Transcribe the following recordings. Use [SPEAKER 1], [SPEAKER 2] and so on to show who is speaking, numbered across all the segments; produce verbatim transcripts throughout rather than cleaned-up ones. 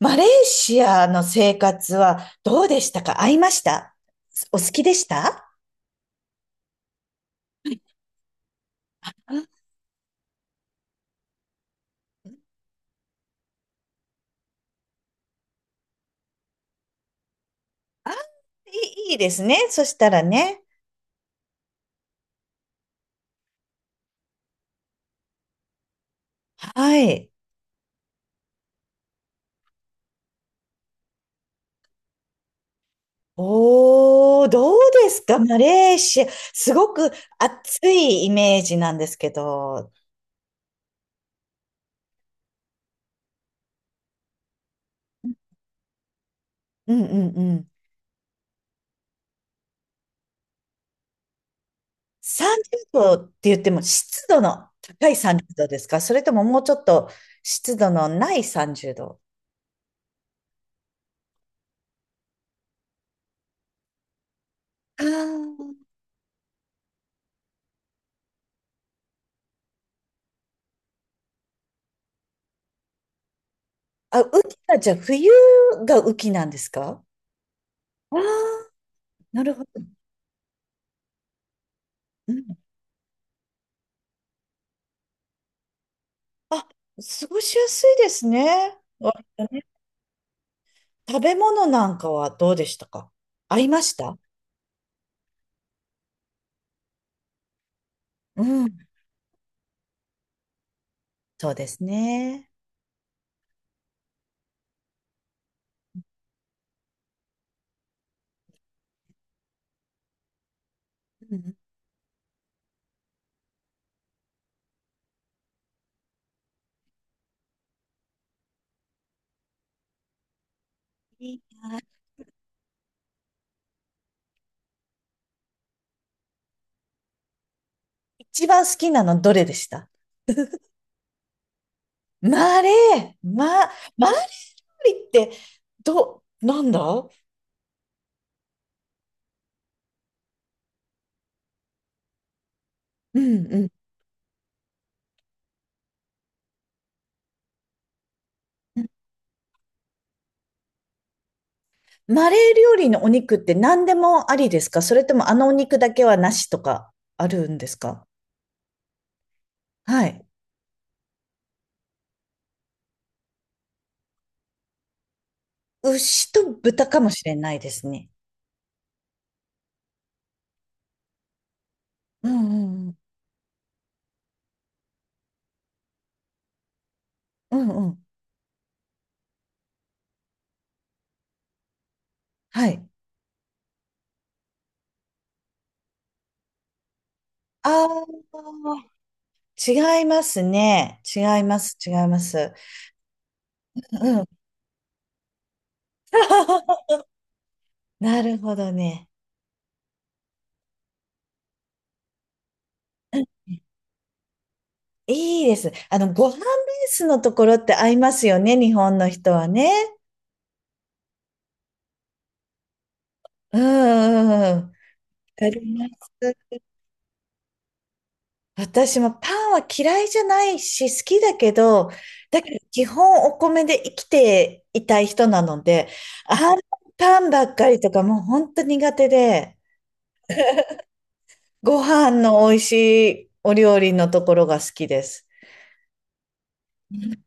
[SPEAKER 1] マレーシアの生活はどうでしたか？合いましたお好きでしたああ、いいいいですね、そしたらね。はい。おー、どうですかマレーシア。すごく暑いイメージなんですけど。うんうんうん。さんじゅうどって言っても湿度の高いさんじゅうどですか？それとももうちょっと湿度のないさんじゅうど？あー、あ、雨季はじゃあ冬が雨季なんですか？ああー、なるほど。うん、あ、過ごしやすいですね。わ、食べ物なんかはどうでしたか？合いましたうん、そうですね。うん、いいな。一番好きなのどれでした？マーレー、マ、マーレー料理って、ど、なんだ。うんうん。マーレー料理のお肉って何でもありですか？それともあのお肉だけはなしとかあるんですか？はい。牛と豚かもしれないですね。うんうんうん。うんうん。はい。ああ、違いますね。違います、違います。うん。なるほどね。うん、いいです。あの、ご飯ベースのところって合いますよね、日本の人はね。うんうんうん、わかります。私もパンは嫌いじゃないし、好きだけど、だけど基本お米で生きていたい人なので、あんパンばっかりとかもう本当苦手で。ご飯の美味しいお料理のところが好きです。うん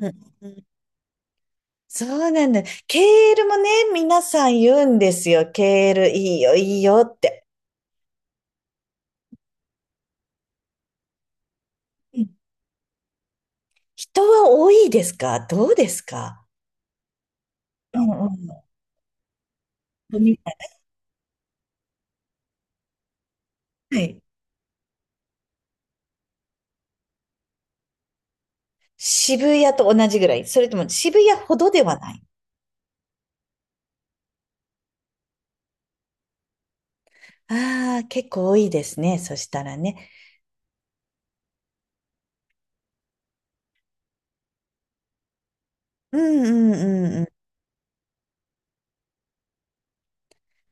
[SPEAKER 1] うん、そうなんだ。ケールもね、皆さん言うんですよ。ケールいいよ、いいよって。うん、人は多いですか？どうですか？うんうん、飲み、はい。渋谷と同じぐらい？それとも渋谷ほどではない？ああー、結構多いですね、そしたらね。うんうんうんうん。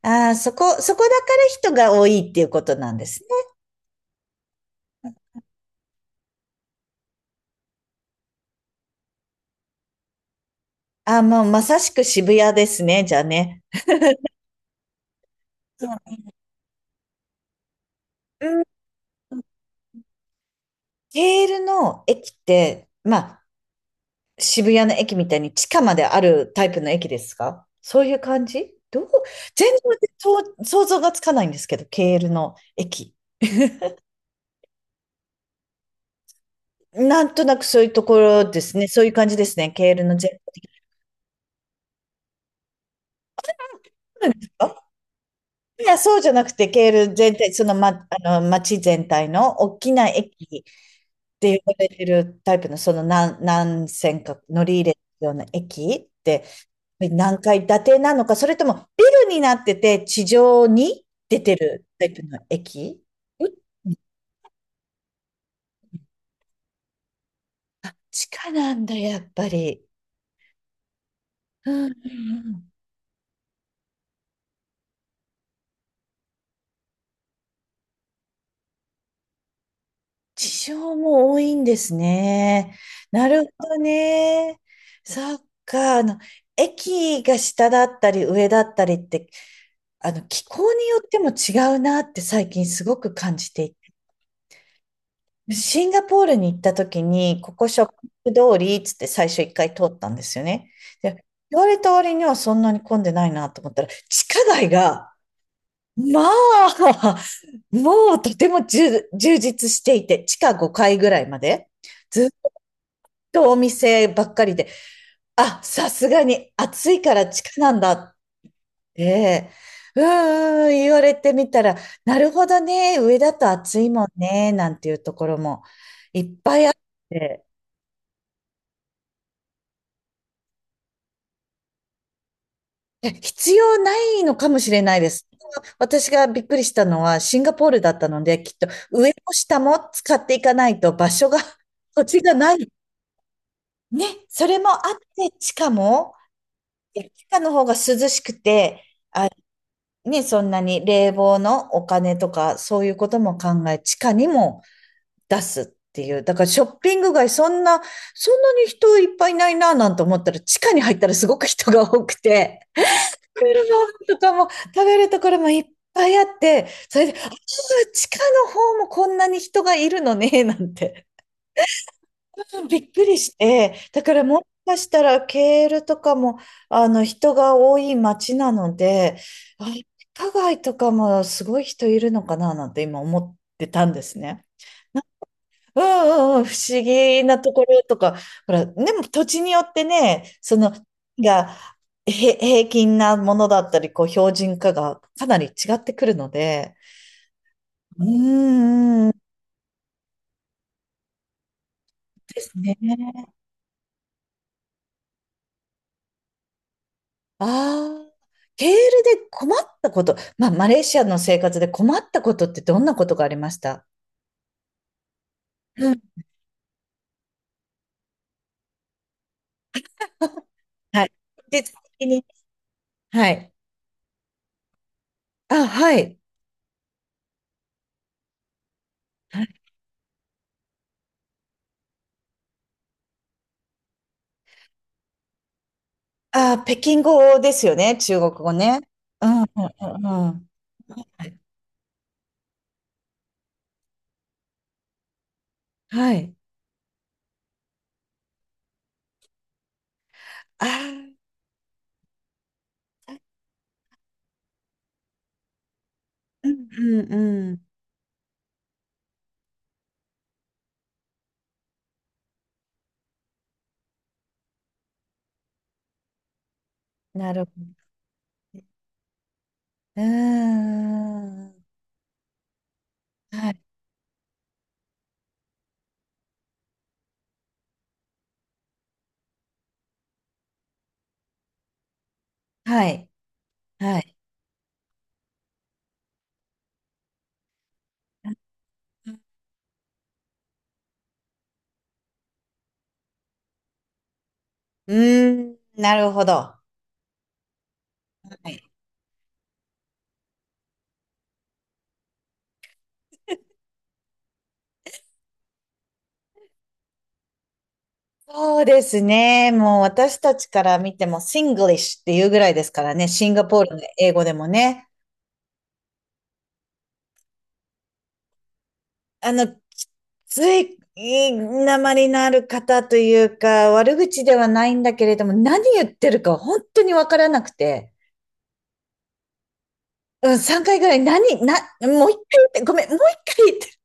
[SPEAKER 1] ああ、そこ、そこだから人が多いっていうことなんですね。ああ、もうまさしく渋谷ですね、じゃあね。そう、うん、ケールの駅って、まあ、渋谷の駅みたいに地下まであるタイプの駅ですか？そういう感じ？どう？全然そう想像がつかないんですけど、ケールの駅。なんとなくそういうところですね。そういう感じですね。ケールの全体的に。そうなんですか？いや、そうじゃなくて、ケール全体、その、ま、あの、街全体の大きな駅って呼ばれてるタイプの、その何、何線か乗り入れるような駅って、何階建てなのか、それともビルになってて地上に出てるタイプの駅？う、地下なんだ、やっぱり。うんうんうん。地上も多いんですね。なるほどね。そっか。あの、駅が下だったり上だったりって、あの、気候によっても違うなって最近すごく感じてい、シンガポールに行った時に、ここショッピング通りっつって最初一回通ったんですよね。で、言われた割にはそんなに混んでないなと思ったら、地下街が、まあ、もうとても充充実していて、地下ごかいぐらいまで、ずっとお店ばっかりで、あ、さすがに暑いから地下なんだって、うーん、言われてみたら、なるほどね、上だと暑いもんね、なんていうところもいっぱいあって、え、必要ないのかもしれないです。私がびっくりしたのはシンガポールだったので、きっと上も下も使っていかないと場所が、土地がない。ね、それもあって、地下も、え、地下の方が涼しくて、あ、ね、そんなに冷房のお金とか、そういうことも考え、地下にも出すっていう。だからショッピング街、そんな、そんなに人いっぱいいないな、なんて思ったら、地下に入ったらすごく人が多くて。クルボンとかも食べるところもいっぱいあって、それで、あ、地下の方もこんなに人がいるのね、なんて。うん、びっくりして、だからもしかしたらケールとかもあの、人が多い町なので、あ、地下街とかもすごい人いるのかな、なんて今思ってたんですね。うんうんうん、不思議なところとか、ほら、でも土地によってね、その、が、へ、平均なものだったり、こう、標準化がかなり違ってくるので、うーん、ですね。ああ、ケールで困ったこと、まあ、マレーシアの生活で困ったことってどんなことがありました？うん。はい。で、次に、はい。あ、はい。あ、北京語ですよね、中国語ね。うん、うん、うん。うん、はい。はい。ああ、うんうんうん。なるほど。うーん。はい。はい。はい。うーん。なるほど。はい。そうですね。もう私たちから見ても、シングリッシュっていうぐらいですからね、シンガポールの英語でもね。あの、きつい、いい訛りのある方というか、悪口ではないんだけれども、何言ってるか本当にわからなくて。うん、さんかいぐらい、何、な、もう一回言って、ごめん、もう一回